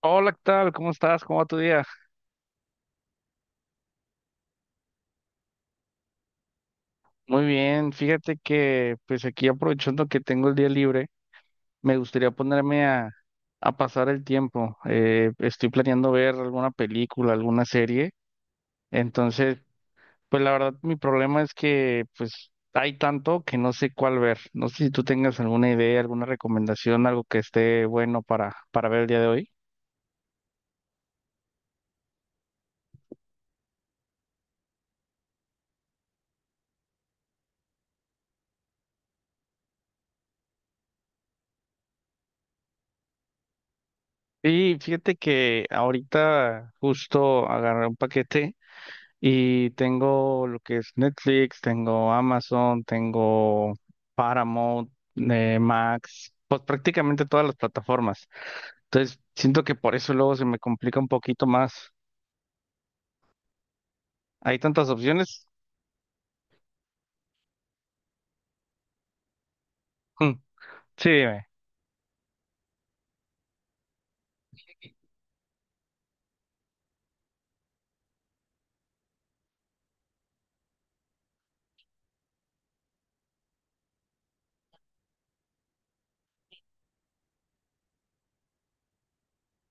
Hola, ¿qué tal? ¿Cómo estás? ¿Cómo va tu día? Muy bien, fíjate que pues aquí aprovechando que tengo el día libre, me gustaría ponerme a pasar el tiempo. Estoy planeando ver alguna película, alguna serie. Entonces, pues la verdad mi problema es que pues hay tanto que no sé cuál ver. No sé si tú tengas alguna idea, alguna recomendación, algo que esté bueno para ver el día de hoy. Y fíjate que ahorita justo agarré un paquete. Y tengo lo que es Netflix, tengo Amazon, tengo Paramount, Max, pues prácticamente todas las plataformas. Entonces, siento que por eso luego se me complica un poquito más. ¿Hay tantas opciones? Mm, sí, dime.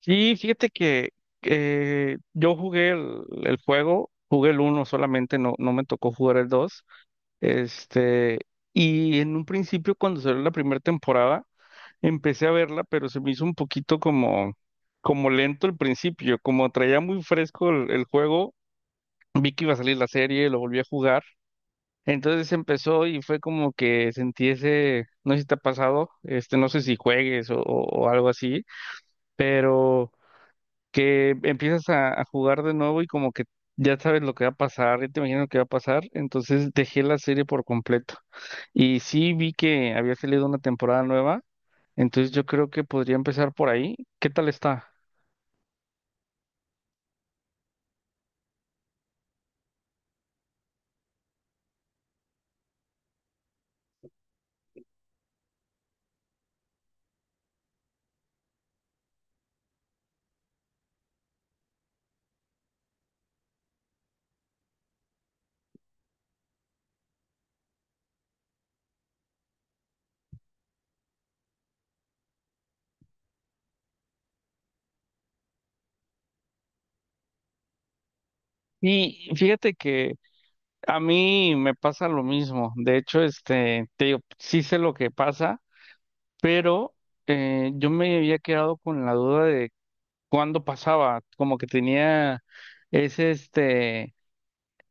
Sí, fíjate que yo jugué el juego, jugué el uno solamente, no, no me tocó jugar el dos. Este, y en un principio, cuando salió la primera temporada, empecé a verla, pero se me hizo un poquito como, como lento al principio, como traía muy fresco el juego, vi que iba a salir la serie, lo volví a jugar, entonces empezó y fue como que sentí ese, no sé si te ha pasado, este, no sé si juegues o algo así, pero que empiezas a jugar de nuevo y como que ya sabes lo que va a pasar, ya te imaginas lo que va a pasar, entonces dejé la serie por completo. Y sí vi que había salido una temporada nueva. Entonces yo creo que podría empezar por ahí. ¿Qué tal está? Y fíjate que a mí me pasa lo mismo. De hecho, este, te digo, sí sé lo que pasa, pero yo me había quedado con la duda de cuándo pasaba, como que tenía ese, este,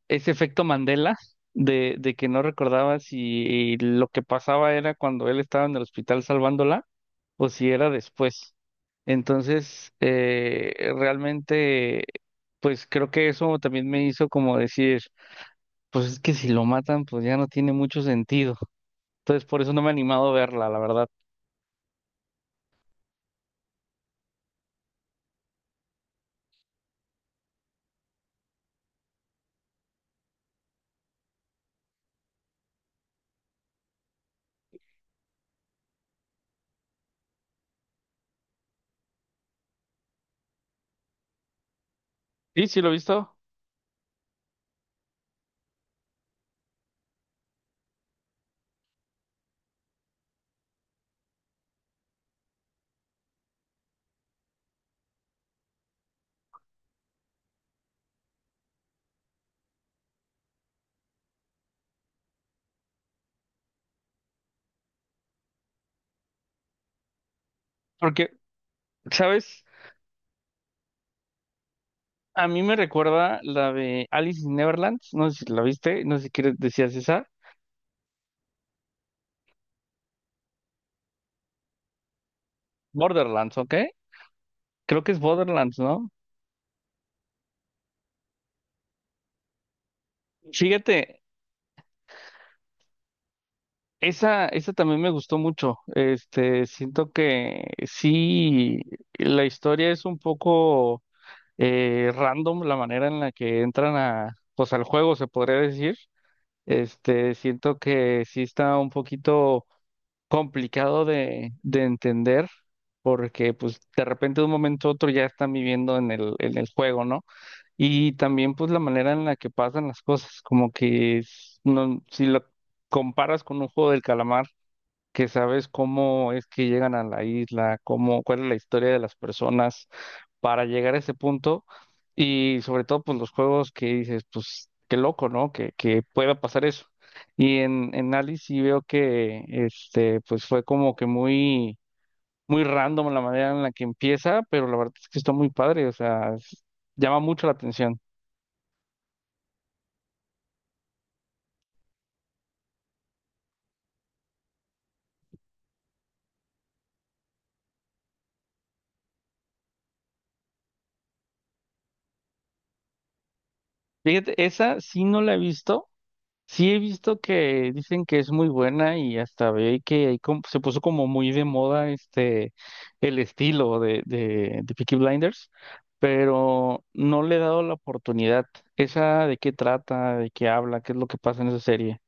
ese efecto Mandela de que no recordaba si lo que pasaba era cuando él estaba en el hospital salvándola o si era después. Entonces, realmente, pues creo que eso también me hizo como decir, pues es que si lo matan, pues ya no tiene mucho sentido. Entonces, por eso no me he animado a verla, la verdad. ¿Y si lo he visto? Porque, ¿sabes? A mí me recuerda la de Alice in Neverland, no sé si la viste, no sé si quieres decías esa. Borderlands, ¿ok? Creo que es Borderlands, ¿no? Fíjate, esa también me gustó mucho. Este, siento que sí, la historia es un poco random, la manera en la que entran a, pues al juego, se podría decir. Este, siento que sí está un poquito complicado de entender, porque pues de repente de un momento a otro ya están viviendo en el juego, ¿no? Y también pues la manera en la que pasan las cosas, como que es- no, si lo comparas con un juego del calamar que sabes cómo es que llegan a la isla, cómo, cuál es la historia de las personas para llegar a ese punto y sobre todo pues los juegos que dices, pues qué loco, ¿no? Que pueda pasar eso. Y en Alice sí veo que este pues fue como que muy muy random la manera en la que empieza, pero la verdad es que está muy padre, o sea, es- llama mucho la atención. Fíjate, esa sí no la he visto. Sí, he visto que dicen que es muy buena y hasta ve que ahí com- se puso como muy de moda este el estilo de Peaky Blinders, pero no le he dado la oportunidad. ¿Esa de qué trata? ¿De qué habla? ¿Qué es lo que pasa en esa serie?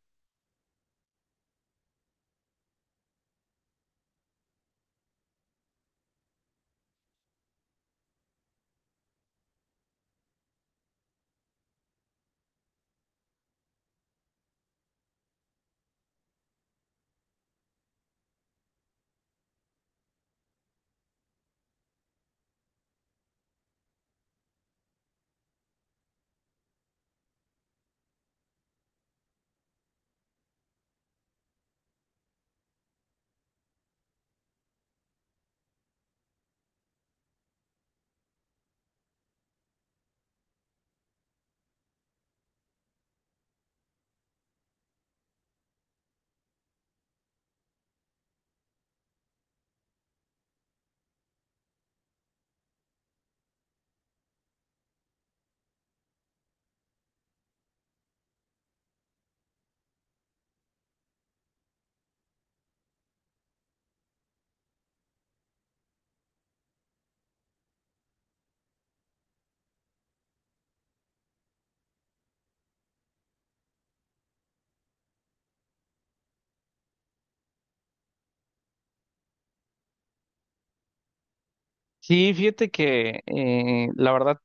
Sí, fíjate que la verdad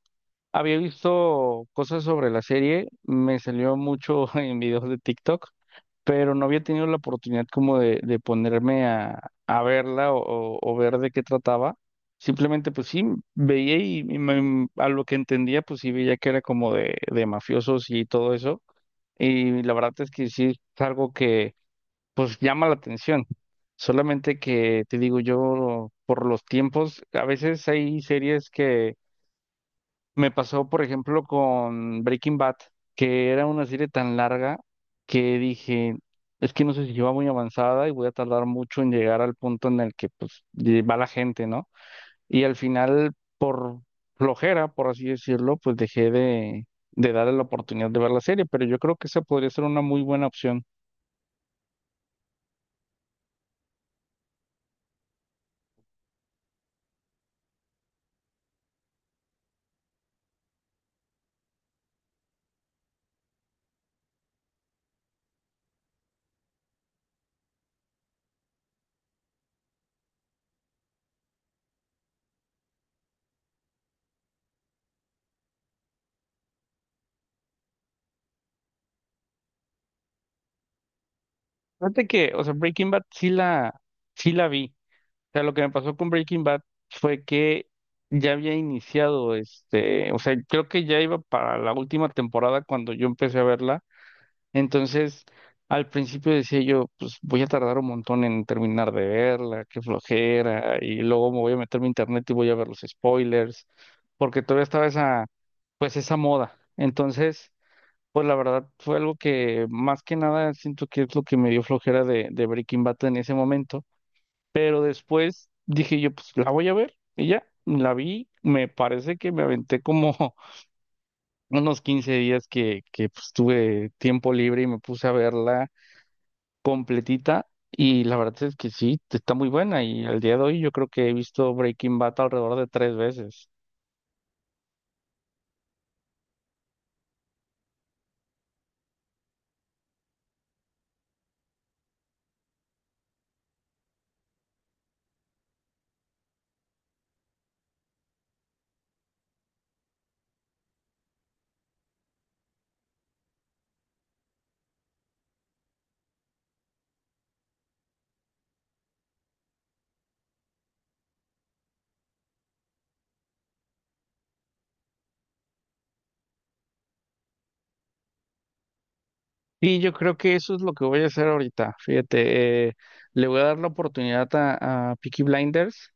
había visto cosas sobre la serie, me salió mucho en videos de TikTok, pero no había tenido la oportunidad como de ponerme a verla o ver de qué trataba. Simplemente pues sí, veía y me- a lo que entendía pues sí veía que era como de mafiosos y todo eso. Y la verdad es que sí es algo que pues llama la atención. Solamente que te digo yo, por los tiempos, a veces hay series que... Me pasó, por ejemplo, con Breaking Bad, que era una serie tan larga que dije, es que no sé si yo va muy avanzada y voy a tardar mucho en llegar al punto en el que pues ye- va la gente, ¿no? Y al final, por flojera, por así decirlo, pues dejé de darle la oportunidad de ver la serie, pero yo creo que esa podría ser una muy buena opción. Fíjate que, o sea, Breaking Bad sí la vi. Sea, lo que me pasó con Breaking Bad fue que ya había iniciado, este, o sea, creo que ya iba para la última temporada cuando yo empecé a verla. Entonces, al principio decía yo, pues voy a tardar un montón en terminar de verla, qué flojera, y luego me voy a meter a mi internet y voy a ver los spoilers, porque todavía estaba esa, pues esa moda. Entonces, pues la verdad fue algo que más que nada siento que es lo que me dio flojera de Breaking Bad en ese momento. Pero después dije yo, pues la voy a ver. Y ya, la vi. Me parece que me aventé como unos 15 días que pues, tuve tiempo libre y me puse a verla completita. Y la verdad es que sí, está muy buena. Y al día de hoy yo creo que he visto Breaking Bad alrededor de 3 veces. Y yo creo que eso es lo que voy a hacer ahorita. Fíjate, le voy a dar la oportunidad a Peaky Blinders.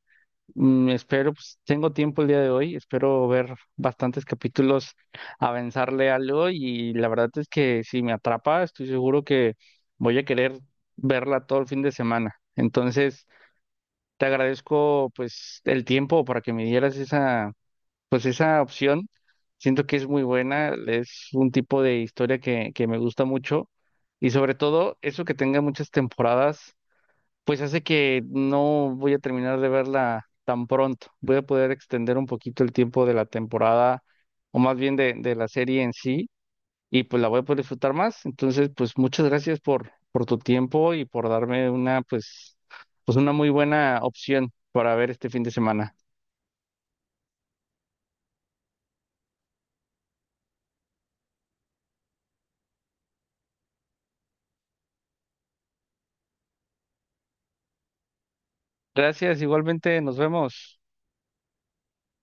Mm, espero, pues tengo tiempo el día de hoy, espero ver bastantes capítulos, avanzarle algo y la verdad es que si me atrapa, estoy seguro que voy a querer verla todo el fin de semana. Entonces, te agradezco pues el tiempo para que me dieras esa pues esa opción. Siento que es muy buena, es un tipo de historia que me gusta mucho y sobre todo eso que tenga muchas temporadas pues hace que no voy a terminar de verla tan pronto. Voy a poder extender un poquito el tiempo de la temporada, o más bien de la serie en sí, y pues la voy a poder disfrutar más. Entonces, pues muchas gracias por tu tiempo y por darme una, pues, pues una muy buena opción para ver este fin de semana. Gracias, igualmente, nos vemos.